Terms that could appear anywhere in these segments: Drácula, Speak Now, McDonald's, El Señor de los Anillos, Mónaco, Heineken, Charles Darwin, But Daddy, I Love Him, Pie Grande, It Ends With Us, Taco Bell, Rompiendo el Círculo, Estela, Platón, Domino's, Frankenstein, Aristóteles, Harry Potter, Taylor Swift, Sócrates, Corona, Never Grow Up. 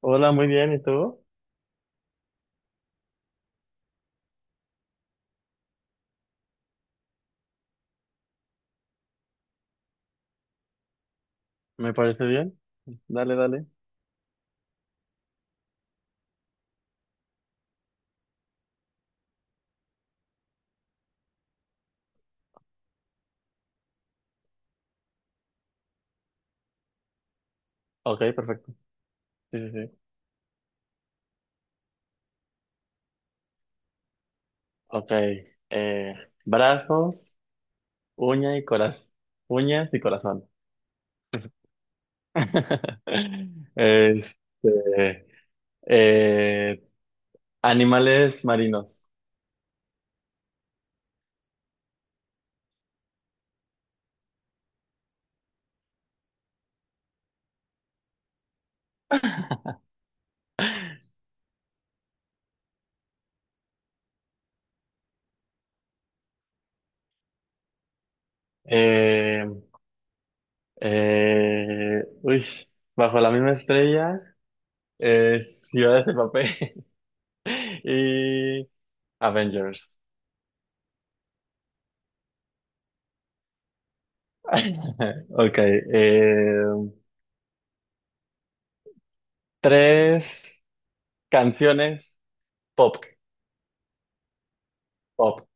Hola, muy bien, ¿y tú? ¿Me parece bien? Dale, dale. Ok, perfecto. Sí, sí, sí. Ok. eh, Brazos, uña y corazón. Uñas y corazón. Este, eh, animales marinos. Eh, eh, uy, Bajo la misma estrella, ciudades de papel y Avengers. Ok. Eh, tres. Canciones pop, pop.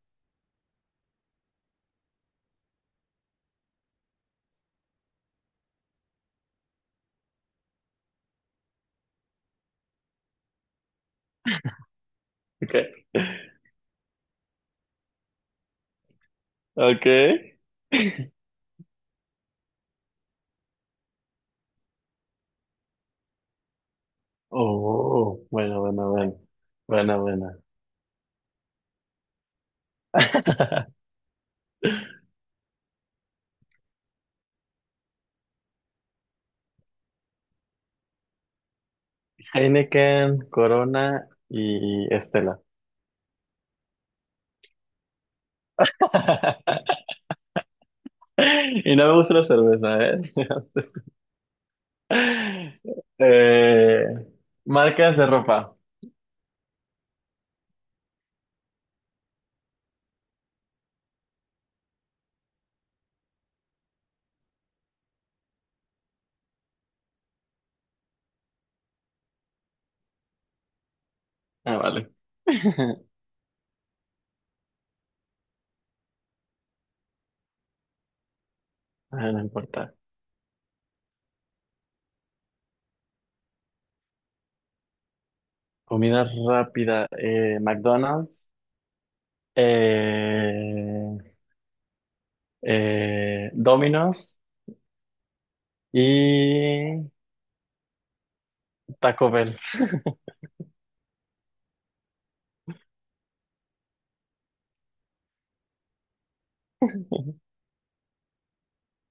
Okay. Okay. Oh, bueno, bueno, bueno. Bueno, bueno. Heineken, Corona y Estela. Y no me gusta la cerveza, ¿eh? Eh, marcas de ropa. Ah, vale. Ah, no importa. Comida rápida. McDonald's. eh, Domino's. Y Taco Bell.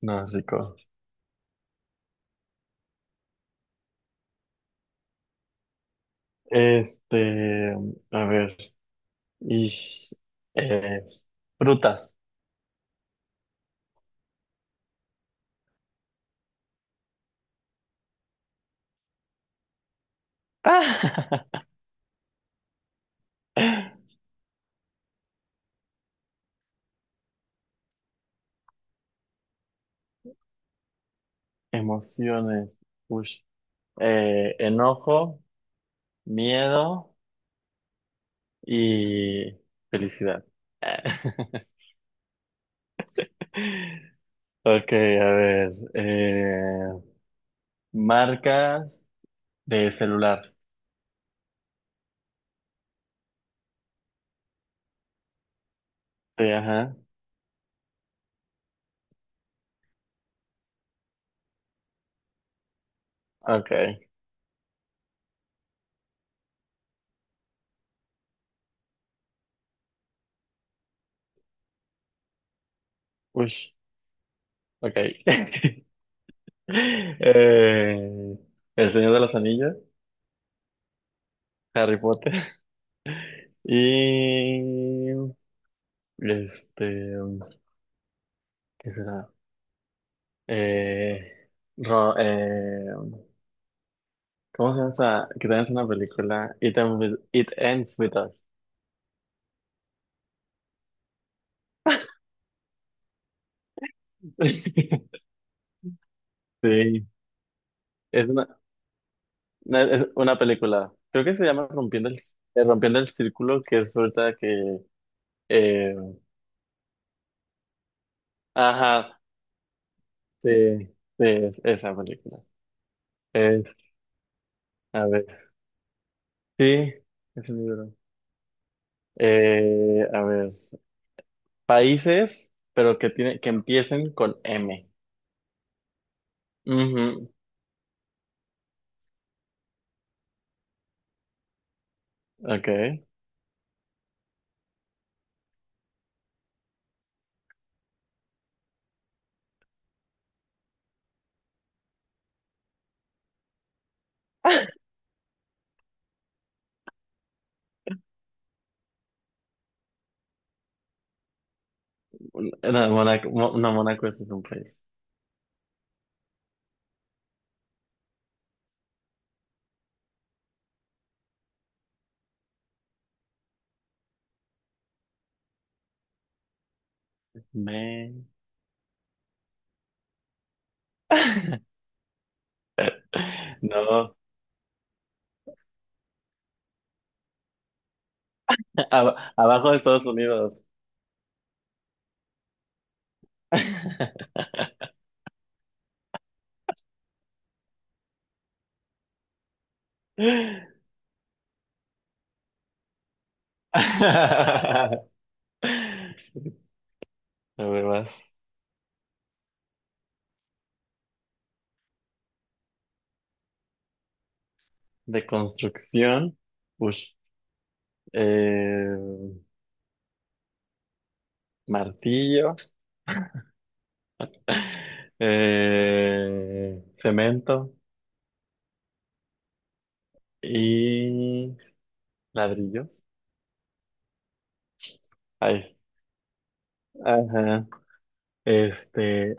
No, rico. Este, a ver. Y eh, frutas. Emociones. Ush. Enojo, miedo y felicidad. Ok, a ver. Marcas de celular. Sí, ajá. Ok. Ush. Ok. Eh, El Señor de los Anillos, Harry Potter y este, ¿qué será? Eh, Ro- eh, ¿Cómo se llama esa? Que también es una película. It Ends With Us. Sí, es una, es una película. Creo que se llama Rompiendo el Círculo, que es ahorita que, eh, ajá, sí, sí, es esa película. Es, a ver, sí, es un libro. A ver, países, pero que tiene, que empiecen con M. Ujú, ok. Una, Mónaco, Mo- no, Mónaco ese es un país. Me... No, abajo de Estados Unidos. A ver, vas. De construcción. Ush. Eh, martillo. Cemento. Y ladrillos. Ay. Ajá. Este,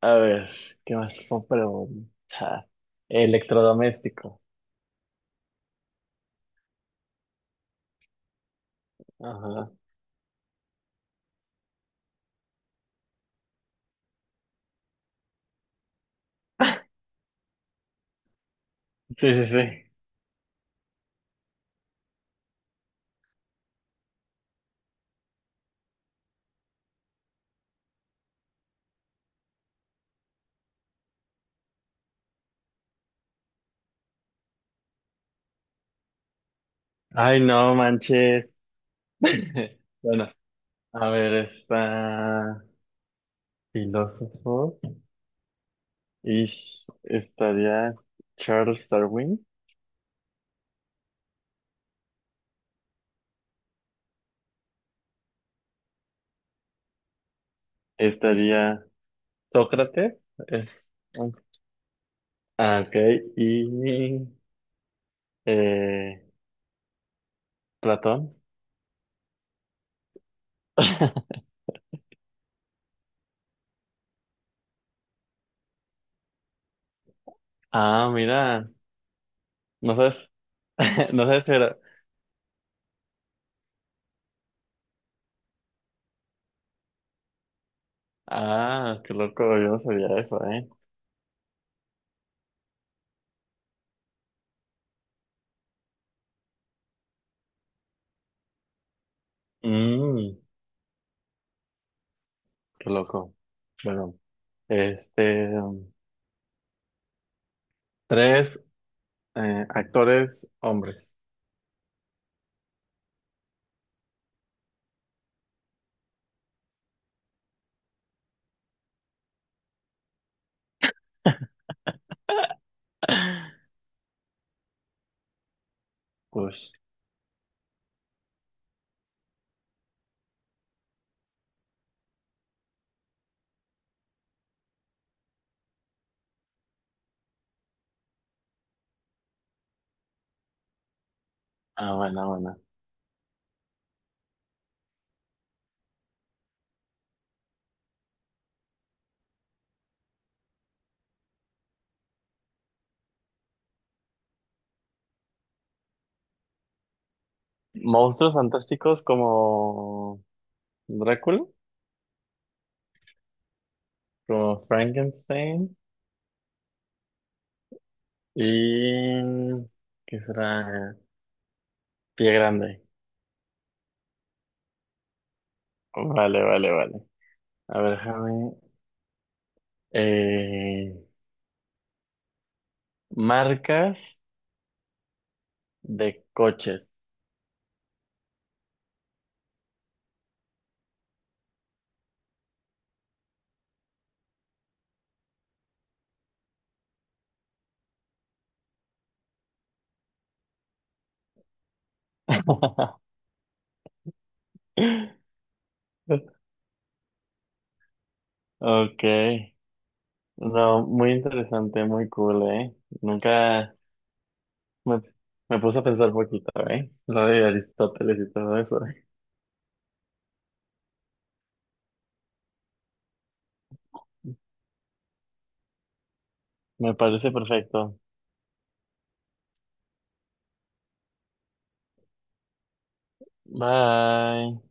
a ver, ¿qué más son preguntas? Electrodoméstico. Ajá. Sí, sí, sí. Ay, no manches. Bueno, a ver, está filósofo. Y estaría Charles Darwin. Estaría Sócrates. Es... Ah, ok. Y eh, Platón. Ah, mira. ¿No sabes? No sé si era. Ah, qué loco, yo no sabía eso, ¿eh? Mm, qué loco. Bueno, este. um, tres actores hombres. Ush. Ah, buena, buena. Monstruos fantásticos como Drácula, como Frankenstein y... ¿Qué será? Pie Grande. Vale, vale, vale. A ver, déjame. eh, marcas de coches. Ok, no, muy interesante, muy cool, ¿eh? Nunca me, me puse a pensar poquito, ¿eh? Lo de Aristóteles y todo eso. Me parece perfecto. Bye.